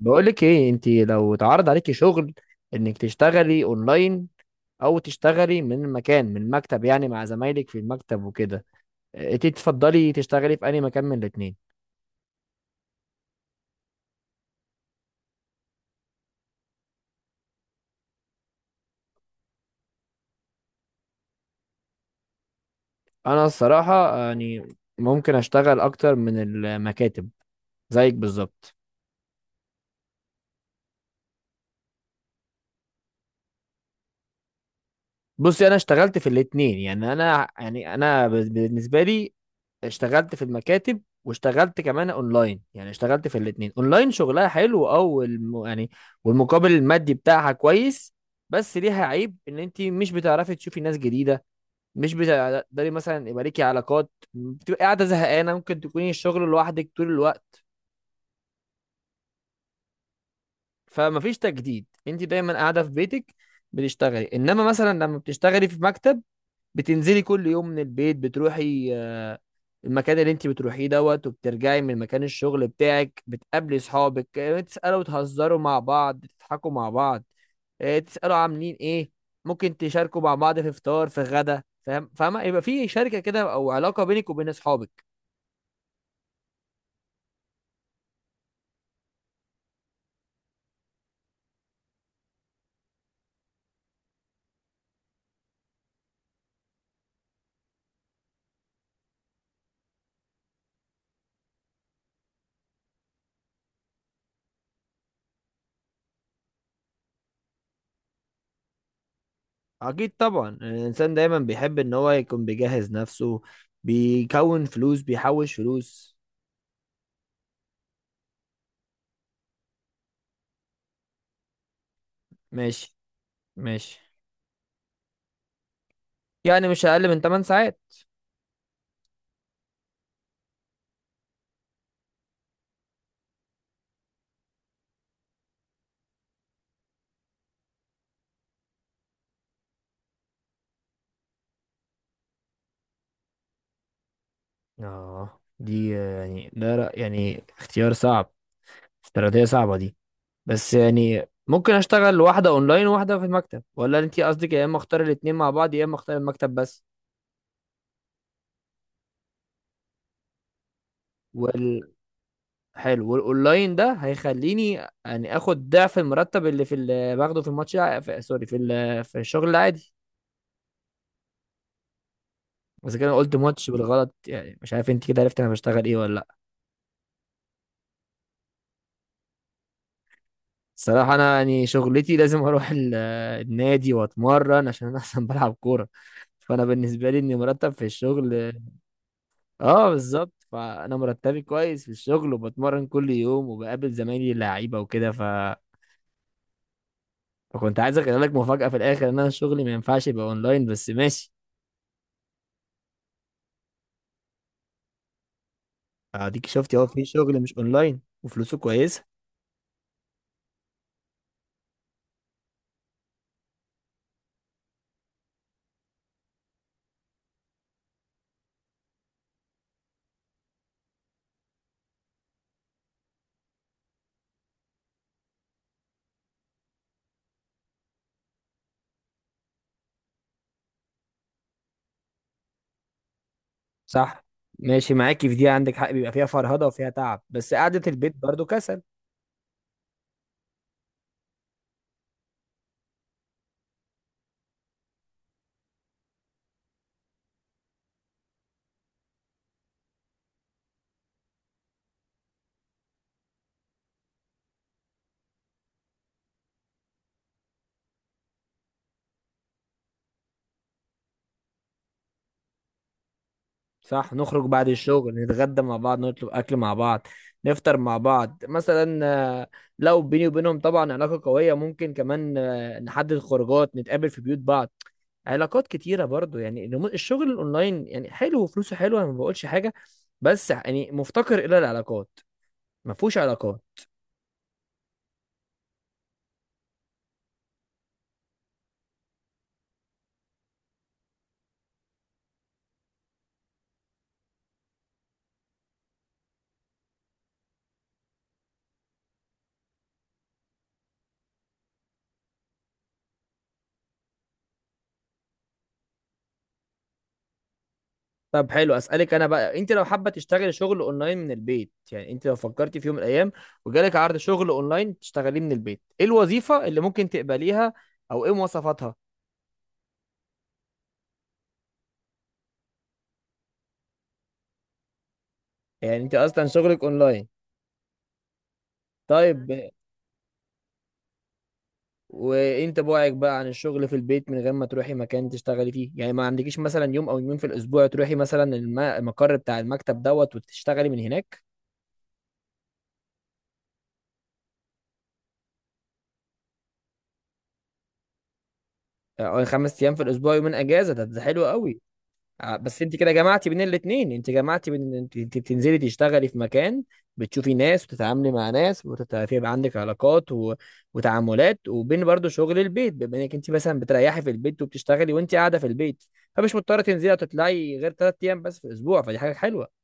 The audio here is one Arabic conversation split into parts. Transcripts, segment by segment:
بقولك ايه؟ انت لو اتعرض عليكي شغل انك تشتغلي اونلاين او تشتغلي من مكان، من مكتب يعني مع زمايلك في المكتب وكده. اه، انت تفضلي تشتغلي في اي مكان من الاتنين؟ انا الصراحة يعني ممكن اشتغل اكتر من المكاتب، زيك بالظبط. بصي، انا اشتغلت في الاتنين، يعني انا بالنسبة لي اشتغلت في المكاتب واشتغلت كمان اونلاين، يعني اشتغلت في الاتنين. اونلاين شغلها حلو، او يعني والمقابل المادي بتاعها كويس، بس ليها عيب ان انت مش بتعرفي تشوفي ناس جديده، مش بتقدري مثلا يبقى ليكي علاقات، بتبقى قاعده زهقانه، ممكن تكوني الشغل لوحدك طول الوقت، فمفيش تجديد. انت دايما قاعده في بيتك بتشتغلي، انما مثلا لما بتشتغلي في مكتب بتنزلي كل يوم من البيت، بتروحي المكان اللي انت بتروحيه دوت، وبترجعي من مكان الشغل بتاعك، بتقابلي صحابك، تسألوا وتهزروا مع بعض، تضحكوا مع بعض، تسألوا عاملين ايه، ممكن تشاركوا مع بعض في فطار، في غدا، فاهم؟ فاهمة؟ يبقى في شركة كده او علاقة بينك وبين اصحابك. اكيد طبعا، يعني الانسان دايما بيحب ان هو يكون بيجهز نفسه، بيكون فلوس، بيحوش فلوس. ماشي. ماشي. يعني مش اقل من 8 ساعات. اه دي، يعني يعني اختيار صعب، استراتيجية صعبة دي. بس يعني ممكن اشتغل واحدة اونلاين وواحدة في المكتب، ولا انت قصدك يا اما اختار الاتنين مع بعض يا اما اختار المكتب بس؟ وال... حلو. والاونلاين ده هيخليني يعني اخد ضعف المرتب اللي في باخده في سوري، في في الشغل العادي. بس كده أنا قلت ماتش بالغلط، يعني مش عارف انت كده عرفت انا بشتغل ايه ولا؟ الصراحة أنا يعني شغلتي لازم أروح النادي وأتمرن، عشان أنا أصلا بلعب كورة. فأنا بالنسبة لي إني مرتب في الشغل. أه بالظبط، فأنا مرتبي كويس في الشغل، وبتمرن كل يوم وبقابل زمايلي اللعيبة وكده. فكنت عايز أخلي لك مفاجأة في الآخر، إن أنا شغلي ما ينفعش يبقى أونلاين بس، ماشي؟ أديك شفتي أهو، في شغل مش أونلاين وفلوسه كويسة. صح، ماشي معاكي في دي، عندك حق، بيبقى فيها فرهضة وفيها تعب، بس قعدة البيت برضو كسل. صح، نخرج بعد الشغل نتغدى مع بعض، نطلب اكل مع بعض، نفطر مع بعض مثلا، آه، لو بيني وبينهم طبعا علاقة قوية، ممكن كمان نحدد خروجات، نتقابل في بيوت بعض، علاقات كتيرة برضو. يعني الشغل الاونلاين يعني حلو وفلوسه حلوة، انا ما بقولش حاجة، بس يعني مفتقر الى العلاقات، ما فيهوش علاقات. طب حلو، اسالك انا بقى، انت لو حابه تشتغلي شغل اونلاين من البيت، يعني انت لو فكرتي في يوم من الايام وجالك عرض شغل اونلاين تشتغليه من البيت، ايه الوظيفه اللي ممكن تقبليها او ايه مواصفاتها؟ يعني انت اصلا شغلك اونلاين؟ طيب. وانت بعدك بقى عن الشغل في البيت من غير ما تروحي مكان تشتغلي فيه؟ يعني ما عندكيش مثلا يوم او يومين في الاسبوع تروحي مثلا المقر بتاع المكتب دوت وتشتغلي من هناك؟ او 5 ايام في الاسبوع، يومين اجازه، ده حلو قوي. بس انت كده جمعتي بين الاتنين، انت جمعتي بين انت بتنزلي تشتغلي في مكان، بتشوفي ناس وتتعاملي مع ناس وتتعرفي، يبقى عندك علاقات وتعاملات، وبين برضو شغل البيت، بما انك انت مثلا بتريحي في البيت وبتشتغلي وانت قاعده في البيت، فمش مضطره تنزلي وتطلعي غير 3 ايام بس في الاسبوع، فدي حاجه حلوه.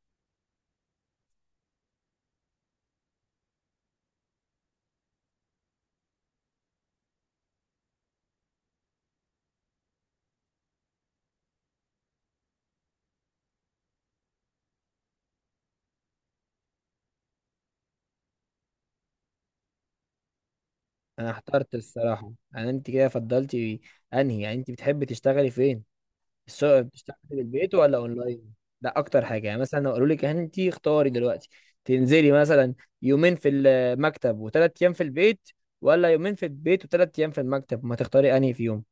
انا احترت الصراحه، انا انت كده فضلتي انهي؟ يعني انت بتحبي تشتغلي فين؟ السوق بتشتغل من البيت ولا اونلاين؟ ده اكتر حاجه، يعني مثلا لو قالوا لك انت اختاري دلوقتي تنزلي مثلا يومين في المكتب وثلاث ايام في البيت، ولا يومين في البيت وثلاث ايام في المكتب، ما تختاري انهي فيهم؟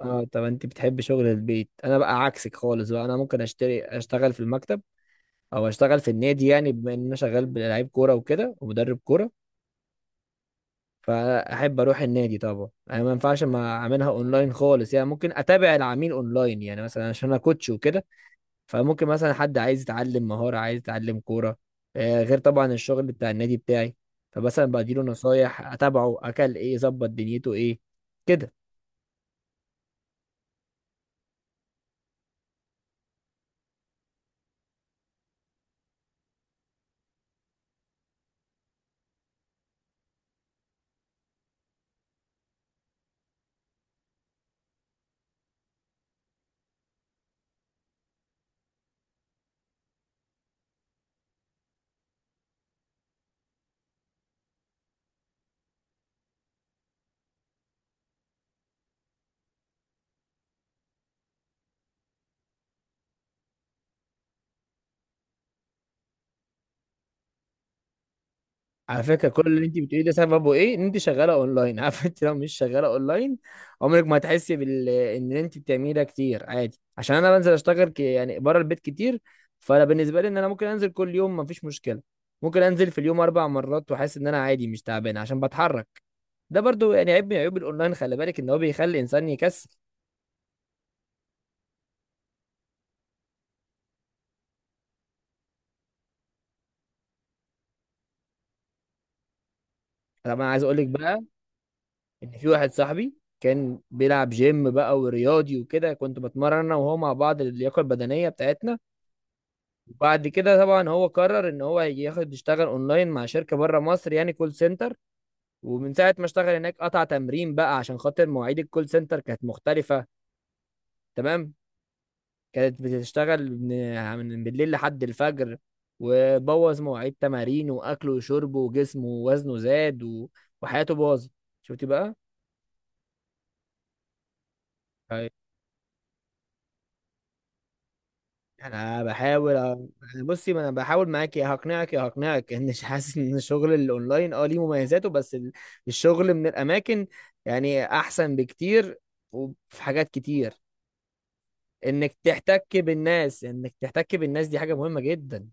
اه، طب انت بتحب شغل البيت. انا بقى عكسك خالص بقى. انا ممكن اشتري اشتغل في المكتب، او اشتغل في النادي، يعني بما ان انا شغال بلعيب كوره وكده، ومدرب كوره، فاحب اروح النادي طبعا. انا ما ينفعش ما اعملها اونلاين خالص، يعني ممكن اتابع العميل اونلاين، يعني مثلا عشان انا كوتش وكده، فممكن مثلا حد عايز يتعلم مهارة، عايز يتعلم كورة، غير طبعا الشغل بتاع النادي بتاعي، فمثلا بديله نصايح، اتابعه اكل ايه، ظبط دنيته ايه، كده. على فكرة كل اللي انت بتقوليه ده سببه ايه؟ ان انت شغالة اونلاين. عارف؟ انت لو مش شغالة اونلاين، عمرك ما هتحسي بال ان انت بتعملي ده كتير عادي، عشان انا بنزل اشتغل يعني بره البيت كتير، فانا بالنسبة لي ان انا ممكن انزل كل يوم مفيش مشكلة، ممكن انزل في اليوم 4 مرات واحس ان انا عادي مش تعبان عشان بتحرك. ده برضو يعني عيب من عيوب الاونلاين، خلي بالك ان هو بيخلي الانسان يكسل. انا ما عايز اقول لك بقى ان في واحد صاحبي كان بيلعب جيم بقى ورياضي وكده، كنت بتمرن انا وهو مع بعض، اللياقه البدنيه بتاعتنا. وبعد كده طبعا هو قرر ان هو ياخد يشتغل اونلاين مع شركه بره مصر، يعني كول سنتر. ومن ساعه ما اشتغل هناك قطع تمرين بقى، عشان خاطر مواعيد الكول سنتر كانت مختلفه. تمام، كانت بتشتغل من بالليل لحد الفجر، وبوظ مواعيد تمارينه واكله وشربه وجسمه، ووزنه زاد وحياته باظت. شفتي بقى؟ أيوة. انا بحاول أنا، بصي، ما انا بحاول معاك، يا هقنعك يا هقنعك ان حاسس ان الشغل الاونلاين اه ليه مميزاته، بس الشغل من الاماكن يعني احسن بكتير، وفي حاجات كتير. انك تحتك بالناس، انك تحتك بالناس دي حاجة مهمة جدا.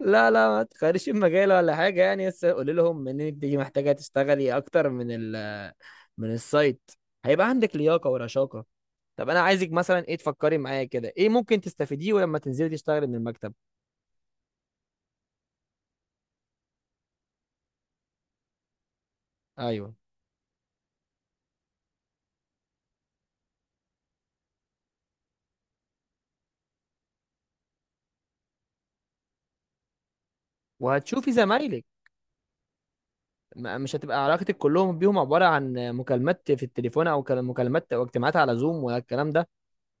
لا, ما تخيرش مجال ولا حاجة، يعني بس قولي لهم ان انت محتاجة تشتغلي اكتر من من السايت، هيبقى عندك لياقة ورشاقة. طب انا عايزك مثلا ايه تفكري معايا كده، ايه ممكن تستفيديه ولما تنزلي تشتغلي من المكتب؟ ايوه، وهتشوفي زمايلك، مش هتبقى علاقتك كلهم بيهم عبارة عن مكالمات في التليفون، او مكالمات او اجتماعات على زوم ولا الكلام ده،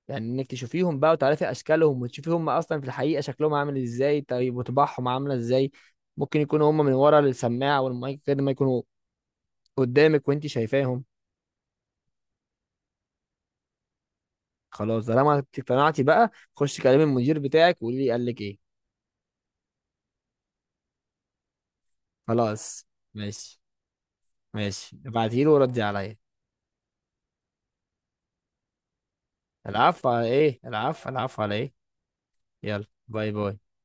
يعني انك تشوفيهم بقى وتعرفي اشكالهم، وتشوفي هم اصلا في الحقيقه شكلهم عامل ازاي، طيب وطباعهم عامله ازاي. ممكن يكونوا هم من ورا السماعه والمايك غير ما يكونوا قدامك وانت شايفاهم. خلاص طالما اقتنعتي بقى، خش كلمي المدير بتاعك وقولي لي قال لك ايه. خلاص. ماشي، ماشي ابعتيله وردي عليا. العفو على ايه؟ العفو. العفو على ايه؟ يلا، باي باي.